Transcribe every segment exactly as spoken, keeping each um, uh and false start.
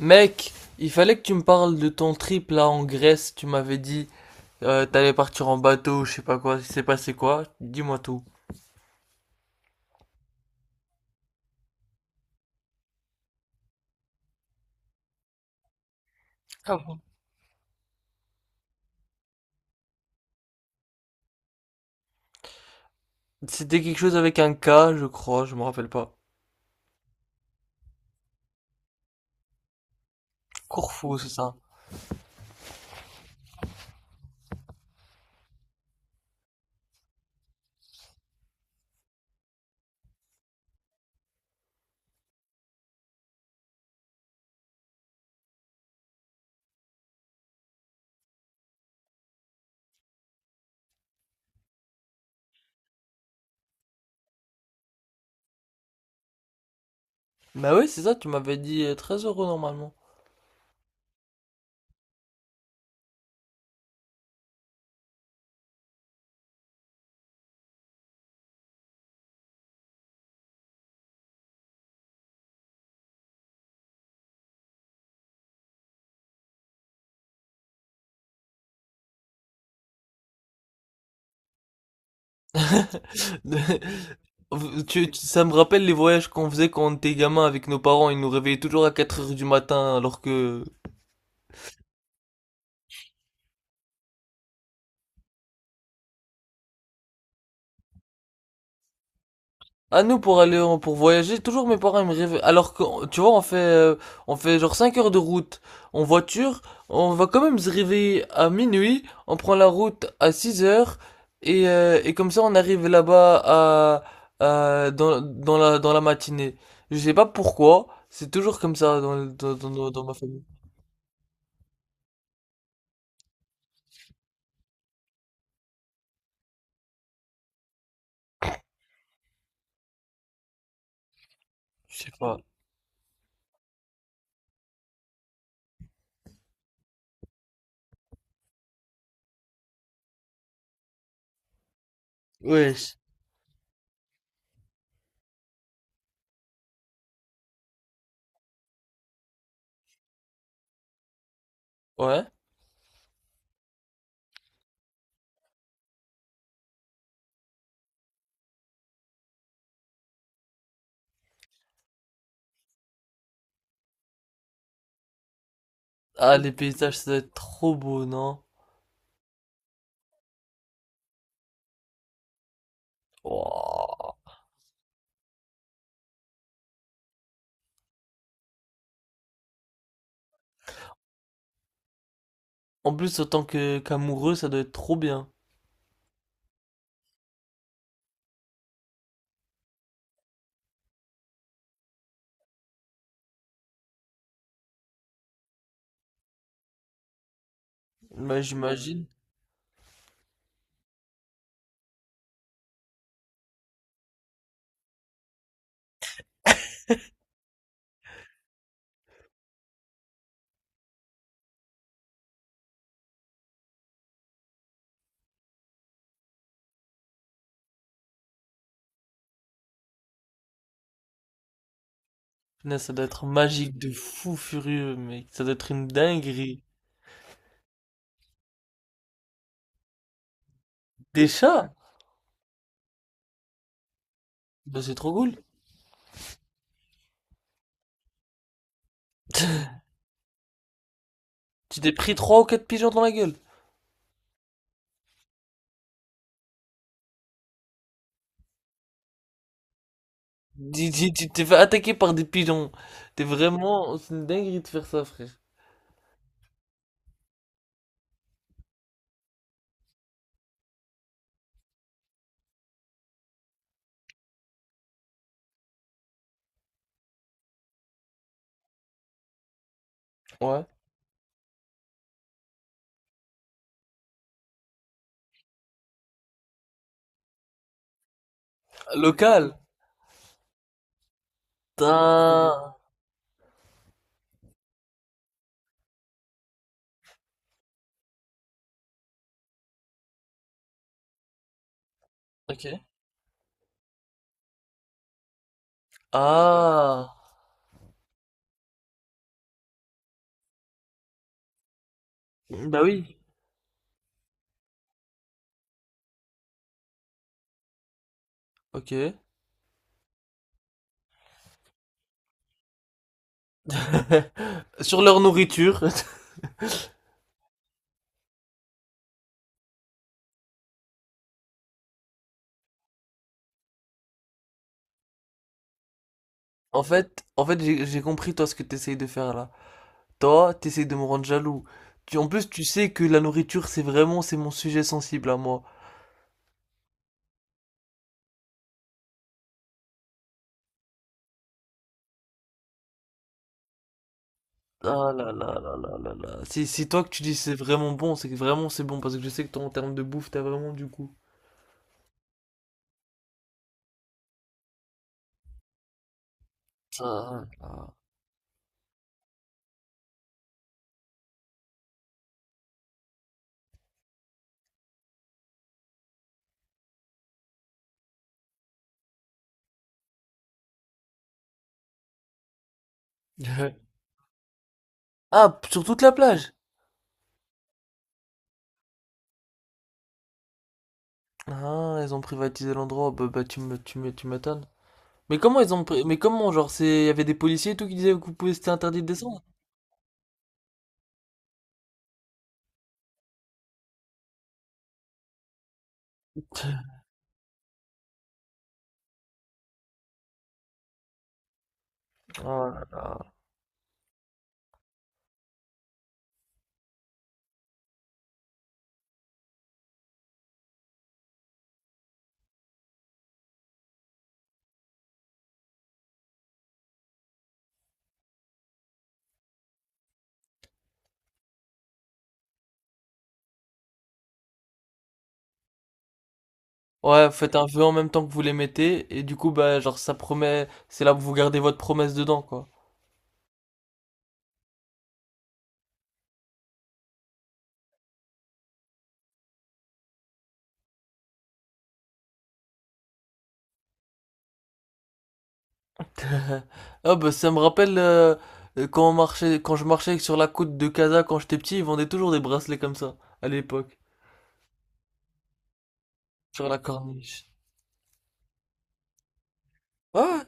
Mec, il fallait que tu me parles de ton trip là en Grèce. Tu m'avais dit euh, t'allais partir en bateau, je sais pas quoi. Il s'est passé quoi? Dis-moi tout. Ah bon. C'était quelque chose avec un K, je crois, je me rappelle pas. Corfou, c'est ça. Bah oui, c'est ça, tu m'avais dit euh, 13 euros normalement. Tu- tu- ça me rappelle les voyages qu'on faisait quand on était gamin avec nos parents. Ils nous réveillaient toujours à quatre heures du matin alors que... À nous pour aller en- pour voyager, toujours mes parents ils me rêvent. Alors que tu vois, on fait euh, on fait genre cinq heures de route en voiture, on va quand même se réveiller à minuit, on prend la route à six heures et euh, et comme ça on arrive là-bas à, à- dans dans la dans la matinée. Je sais pas pourquoi, c'est toujours comme ça dans dans dans, dans ma famille. Je sais pas. Wesh. Ouais. Ah, les paysages, ça doit être trop beau, non? Wouah. En plus, autant que qu'amoureux, ça doit être trop bien. Bah, j'imagine. Punaise, ça doit être magique de fou furieux, mec. Ça doit être une dinguerie. Des chats? Bah, c'est trop cool. Tu t'es pris trois ou quatre pigeons dans la gueule. Tu tu- tu t'es fait attaquer par des pigeons. T'es vraiment... C'est une dinguerie de faire ça, frère. Ouais. Local. Putain. Ok. Ah. Bah oui. Ok. Sur leur nourriture. En fait, en fait, j'ai j'ai compris toi ce que t'essayes de faire là. Toi, t'essayes de me rendre jaloux. Tu, en plus, tu sais que la nourriture, c'est vraiment, c'est mon sujet sensible à moi. Ah là là là là là là. Si, si toi que tu dis c'est vraiment bon, c'est que vraiment c'est bon, parce que je sais que toi, en termes de bouffe, t'as vraiment du goût. Ça, ah. Ah, sur toute la plage. Ah, ils ont privatisé l'endroit. Bah, bah, tu me, tu me, tu m'étonnes. Mais comment ils ont, pri- mais comment, genre, c'est, il y avait des policiers et tout qui disaient que vous pouvez, c'était interdit de descendre. Oh là là. Ouais, faites un vœu en même temps que vous les mettez, et du coup, bah, genre, ça promet, c'est là où vous gardez votre promesse dedans, quoi. Ah, bah, ça me rappelle euh, euh, quand on marchait, quand je marchais sur la côte de Casa quand j'étais petit, ils vendaient toujours des bracelets comme ça, à l'époque, sur la corniche. Ouais,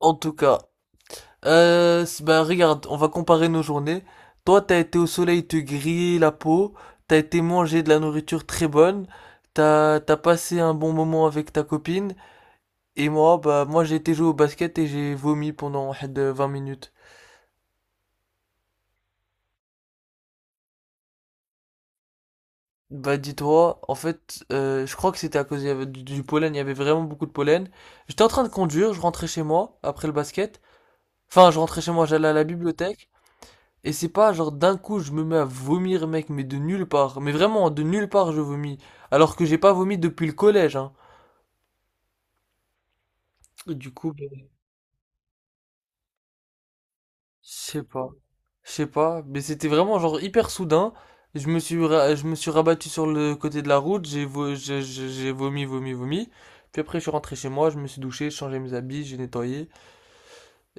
en tout cas. Euh, c- bah, regarde, on va comparer nos journées. Toi, t'as été au soleil te griller la peau, t'as été manger de la nourriture très bonne, t'as, t'as passé un bon moment avec ta copine. Et moi, bah, moi j'ai été jouer au basket et j'ai vomi pendant had, euh, 20 minutes. Bah, dis-toi, en fait, euh, je crois que c'était à cause il y avait du, du pollen, il y avait vraiment beaucoup de pollen. J'étais en train de conduire, je rentrais chez moi après le basket. Enfin, je rentrais chez moi, j'allais à la bibliothèque. Et c'est pas genre d'un coup je me mets à vomir, mec, mais de nulle part. Mais vraiment, de nulle part je vomis. Alors que j'ai pas vomi depuis le collège, hein. Du coup, bah, je sais pas. Je sais pas, mais c'était vraiment genre hyper soudain. Je me suis ra- je me suis rabattu sur le côté de la route, j'ai vo- j'ai j'ai- j'ai vomi, vomi, vomi. Puis après, je suis rentré chez moi, je me suis douché, j'ai changé mes habits, j'ai nettoyé.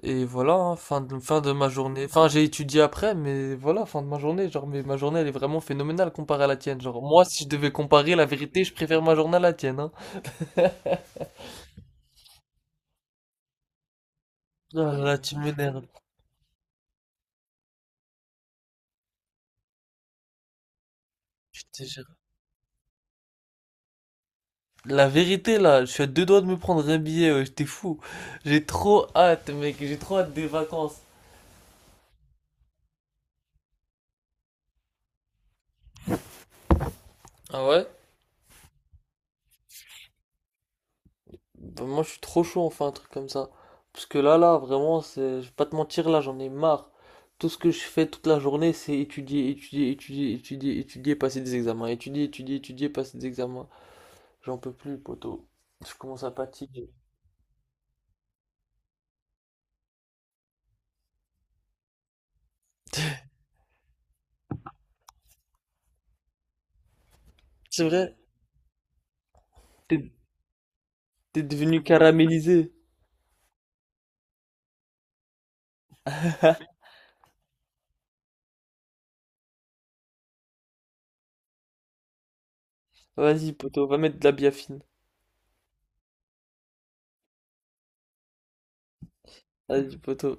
Et voilà, hein, fin de, fin de ma journée. Enfin, j'ai étudié après, mais voilà, fin de ma journée. Genre, mais ma journée, elle est vraiment phénoménale comparée à la tienne. Genre, moi, si je devais comparer la vérité, je préfère ma journée à la tienne, hein. Ah là, là, tu m'énerves. Je te jure. La vérité, là, je suis à deux doigts de me prendre un billet, ouais, j'étais fou. J'ai trop hâte, mec, j'ai trop hâte des vacances. Ah ouais? Bah, moi je suis trop chaud, enfin un truc comme ça. Parce que là, là, vraiment, c'est... je vais pas te mentir, là, j'en ai marre. Tout ce que je fais toute la journée, c'est étudier, étudier, étudier, étudier, étudier, passer des examens. Étudier, étudier, étudier, passer des examens. J'en peux plus, poto. Je commence à fatiguer. C'est vrai? T'es T'es devenu caramélisé. Vas-y, poto, va mettre de la biafine. Vas-y, poto.